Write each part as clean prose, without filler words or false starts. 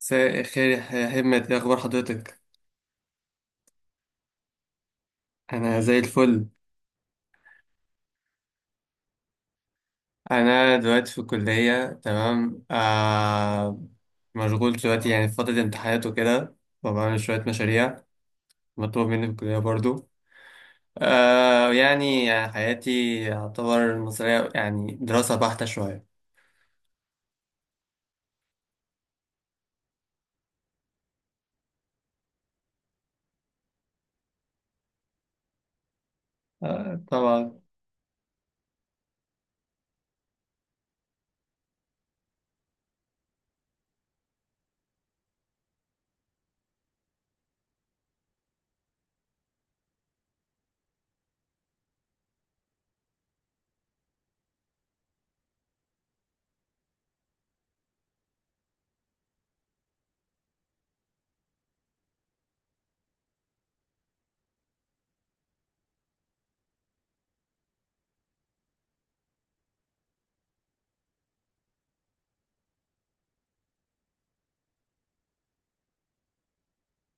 مساء الخير يا همة، ايه اخبار حضرتك؟ انا زي الفل. انا دلوقتي في الكلية، تمام. مشغول دلوقتي يعني في فترة امتحانات وكده، وبعمل شوية مشاريع مطلوب مني في الكلية برضو. يعني حياتي يعتبر مصرية، يعني دراسة بحتة شوية. آه، طبعا.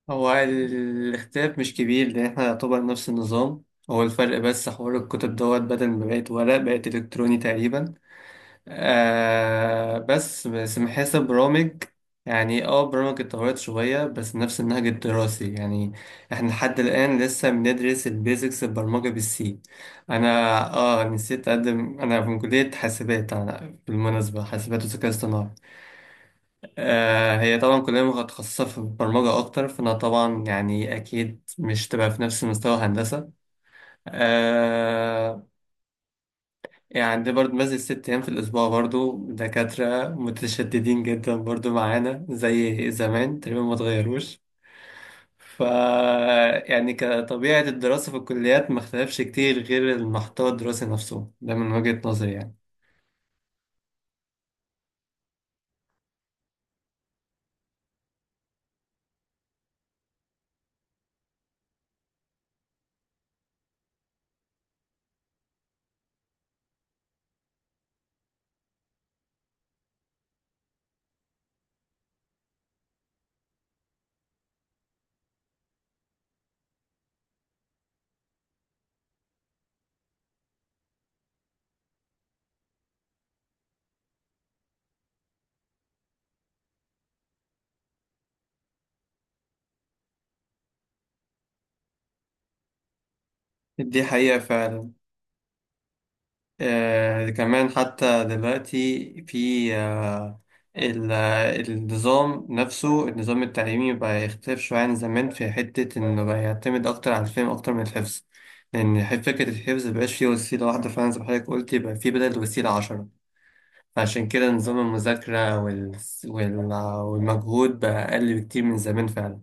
هو الاختلاف مش كبير لان احنا يعتبر نفس النظام. هو الفرق بس حوار الكتب دوت، بدل ما بقت ورق بقت الكتروني تقريبا. بس بس محاسب برامج، يعني برامج اتطورت شوية، بس نفس النهج الدراسي يعني. احنا لحد الآن لسه بندرس البيزكس البرمجة بالسي. انا اه نسيت اقدم، انا من كلية حاسبات. أنا بالمناسبة حاسبات وذكاء اصطناعي. هي طبعا كلية متخصصة في البرمجة اكتر، فانا طبعا يعني اكيد مش تبقى في نفس مستوى هندسة. آه يعني عندي برضه بنزل 6 أيام في الأسبوع، برضه دكاترة متشددين جدا برضه معانا زي زمان تقريبا ما اتغيروش. ف يعني كطبيعة الدراسة في الكليات ما اختلفش كتير غير المحتوى الدراسي نفسه ده من وجهة نظري يعني. دي حقيقة فعلا. كمان حتى دلوقتي في النظام نفسه، النظام التعليمي بقى يختلف شوية عن زمان في حتة إنه بقى يعتمد أكتر على الفهم أكتر من الحفظ. لأن فكرة الحفظ مبقاش فيه وسيلة واحدة فعلا زي ما حضرتك قلت، يبقى فيه بدل وسيلة 10. فعشان كده نظام المذاكرة وال... والمجهود بقى أقل بكتير من زمان فعلا.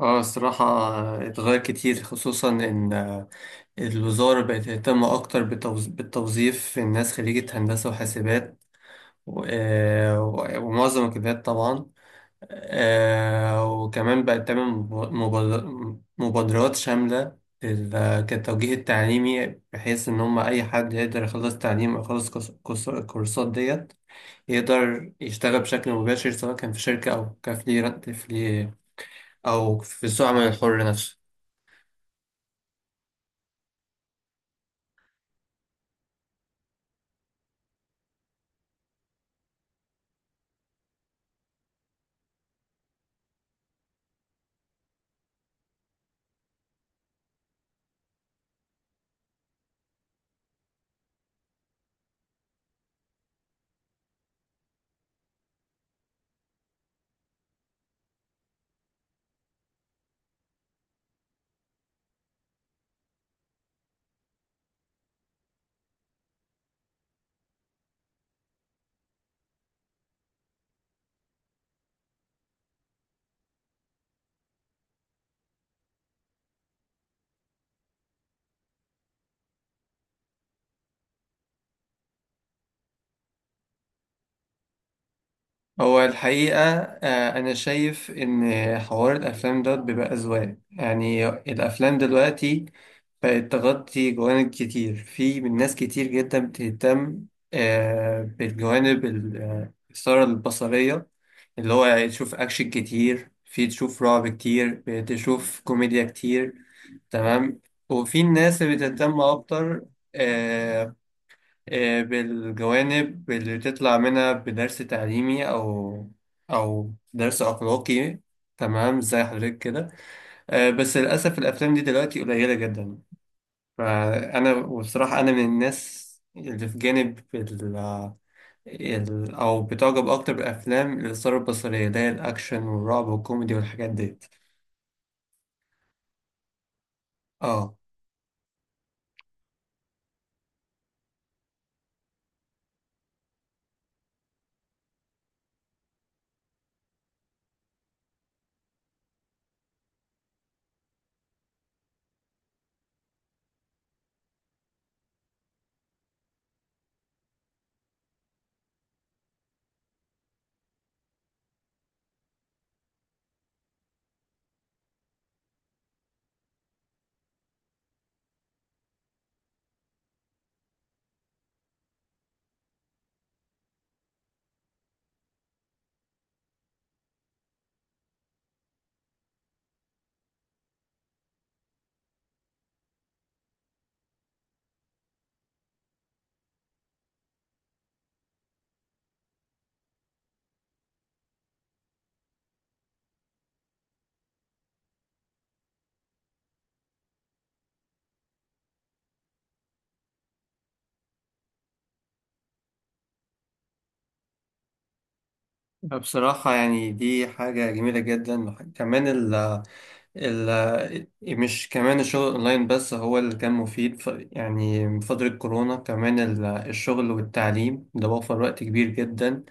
اه، الصراحة اتغير كتير، خصوصا إن الوزارة بقت تهتم أكتر بالتوظيف في الناس خريجة هندسة وحاسبات. ومعظم الكليات طبعا. وكمان بقت تعمل مبادرات شاملة كالتوجيه التعليمي، بحيث إن هم أي حد يقدر يخلص تعليم أو يخلص الكورسات ديت، يقدر يشتغل بشكل مباشر سواء كان في شركة أو كفريلانس، أو في سوق العمل الحر نفسه. هو الحقيقة أنا شايف إن حوار الأفلام ده بيبقى أذواق. يعني الأفلام دلوقتي بقت تغطي جوانب كتير في من ناس كتير جدا بتهتم بالجوانب الإثارة البصرية، اللي هو يعني تشوف أكشن كتير، في تشوف رعب كتير، تشوف كوميديا كتير، تمام. وفي الناس اللي بتهتم أكتر، آه، بالجوانب اللي تطلع منها بدرس تعليمي أو درس أخلاقي، تمام زي حضرتك كده. بس للأسف الأفلام دي دلوقتي قليلة جدا. فأنا وبصراحة أنا من الناس اللي في جانب أو بتعجب أكتر بالأفلام الإثارة البصرية، اللي هي الأكشن والرعب والكوميدي والحاجات ديت. اه، بصراحة يعني دي حاجة جميلة جدا كمان. مش كمان الشغل اونلاين بس هو اللي كان مفيد. يعني من فترة كورونا كمان الشغل والتعليم ده وفر وقت كبير جدا،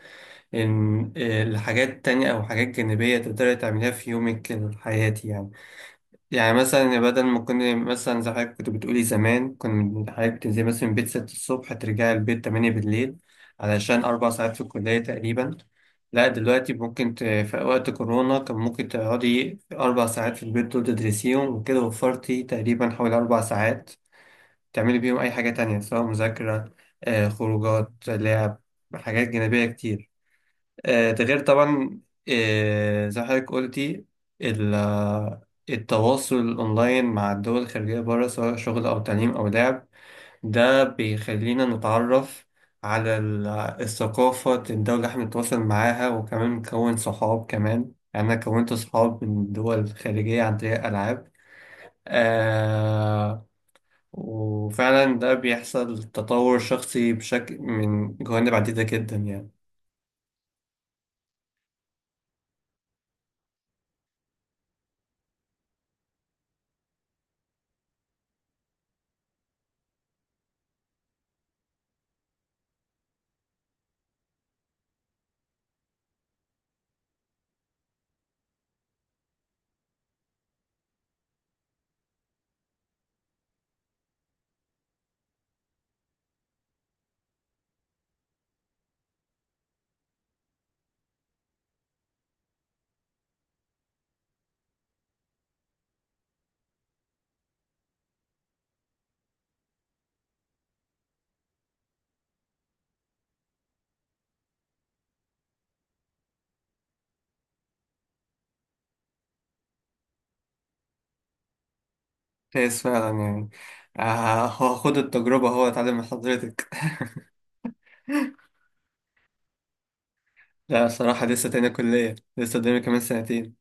ان الحاجات تانية او حاجات جانبية تقدري تعمليها في يومك الحياتي يعني. يعني مثلا بدل ما كنا مثلا زي حضرتك كنت بتقولي زمان، كنت حضرتك بتنزلي مثلا من البيت 6 الصبح ترجعي البيت 8 بالليل علشان 4 ساعات في الكلية تقريبا. لا دلوقتي ممكن في وقت كورونا كان ممكن تقعدي 4 ساعات في البيت دول تدرسيهم وكده، وفرتي تقريبا حوالي 4 ساعات تعملي بيهم أي حاجة تانية سواء مذاكرة، خروجات، لعب، حاجات جانبية كتير. ده غير طبعا، زي ما حضرتك قلتي، ال- آه، التواصل الأونلاين مع الدول الخارجية بره سواء شغل أو تعليم أو لعب، ده بيخلينا نتعرف على الثقافة الدولة اللي احنا بنتواصل معاها، وكمان نكون صحاب كمان يعني. أنا كونت صحاب من الدول الخارجية عن طريق الألعاب. آه وفعلا ده بيحصل تطور شخصي بشكل من جوانب عديدة جدا يعني. كويس فعلا يعني. هو خد التجربة، هو اتعلم من حضرتك. لا صراحة لسه تانية كلية، لسه قدامي كمان سنتين.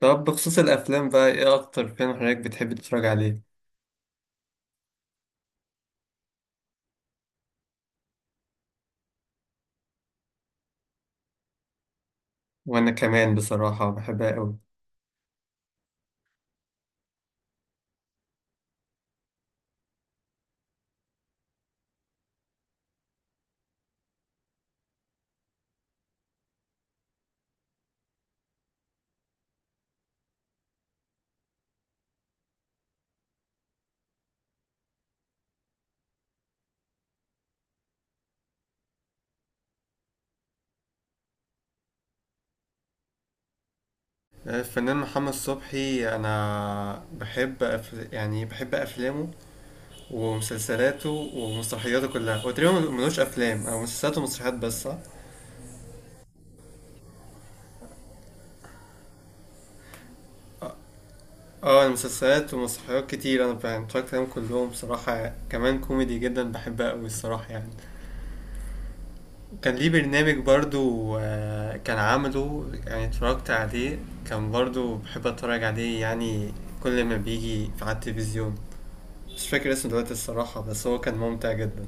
طب بخصوص الأفلام بقى إيه أكتر فيلم حضرتك بتحب تتفرج عليه؟ وأنا كمان بصراحة بحبها أوي. الفنان محمد صبحي، أنا يعني بحب أفلامه ومسلسلاته ومسرحياته كلها. هو تقريبا ملوش أفلام، أو مسلسلات ومسرحيات بس، صح؟ اه، أنا مسلسلات ومسرحيات كتير، أنا اتفرجت عليهم كلهم بصراحة، كمان كوميدي جدا بحبها أوي الصراحة يعني. كان ليه برنامج برضو، كان عامله، يعني اتفرجت عليه. كان برضو بحب اتفرج عليه يعني، كل ما بيجي في على التلفزيون. مش فاكر اسمه دلوقتي الصراحة، بس هو كان ممتع جدا.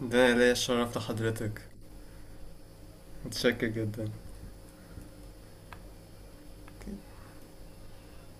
ده ليا الشرف لحضرتك. متشكر جدا.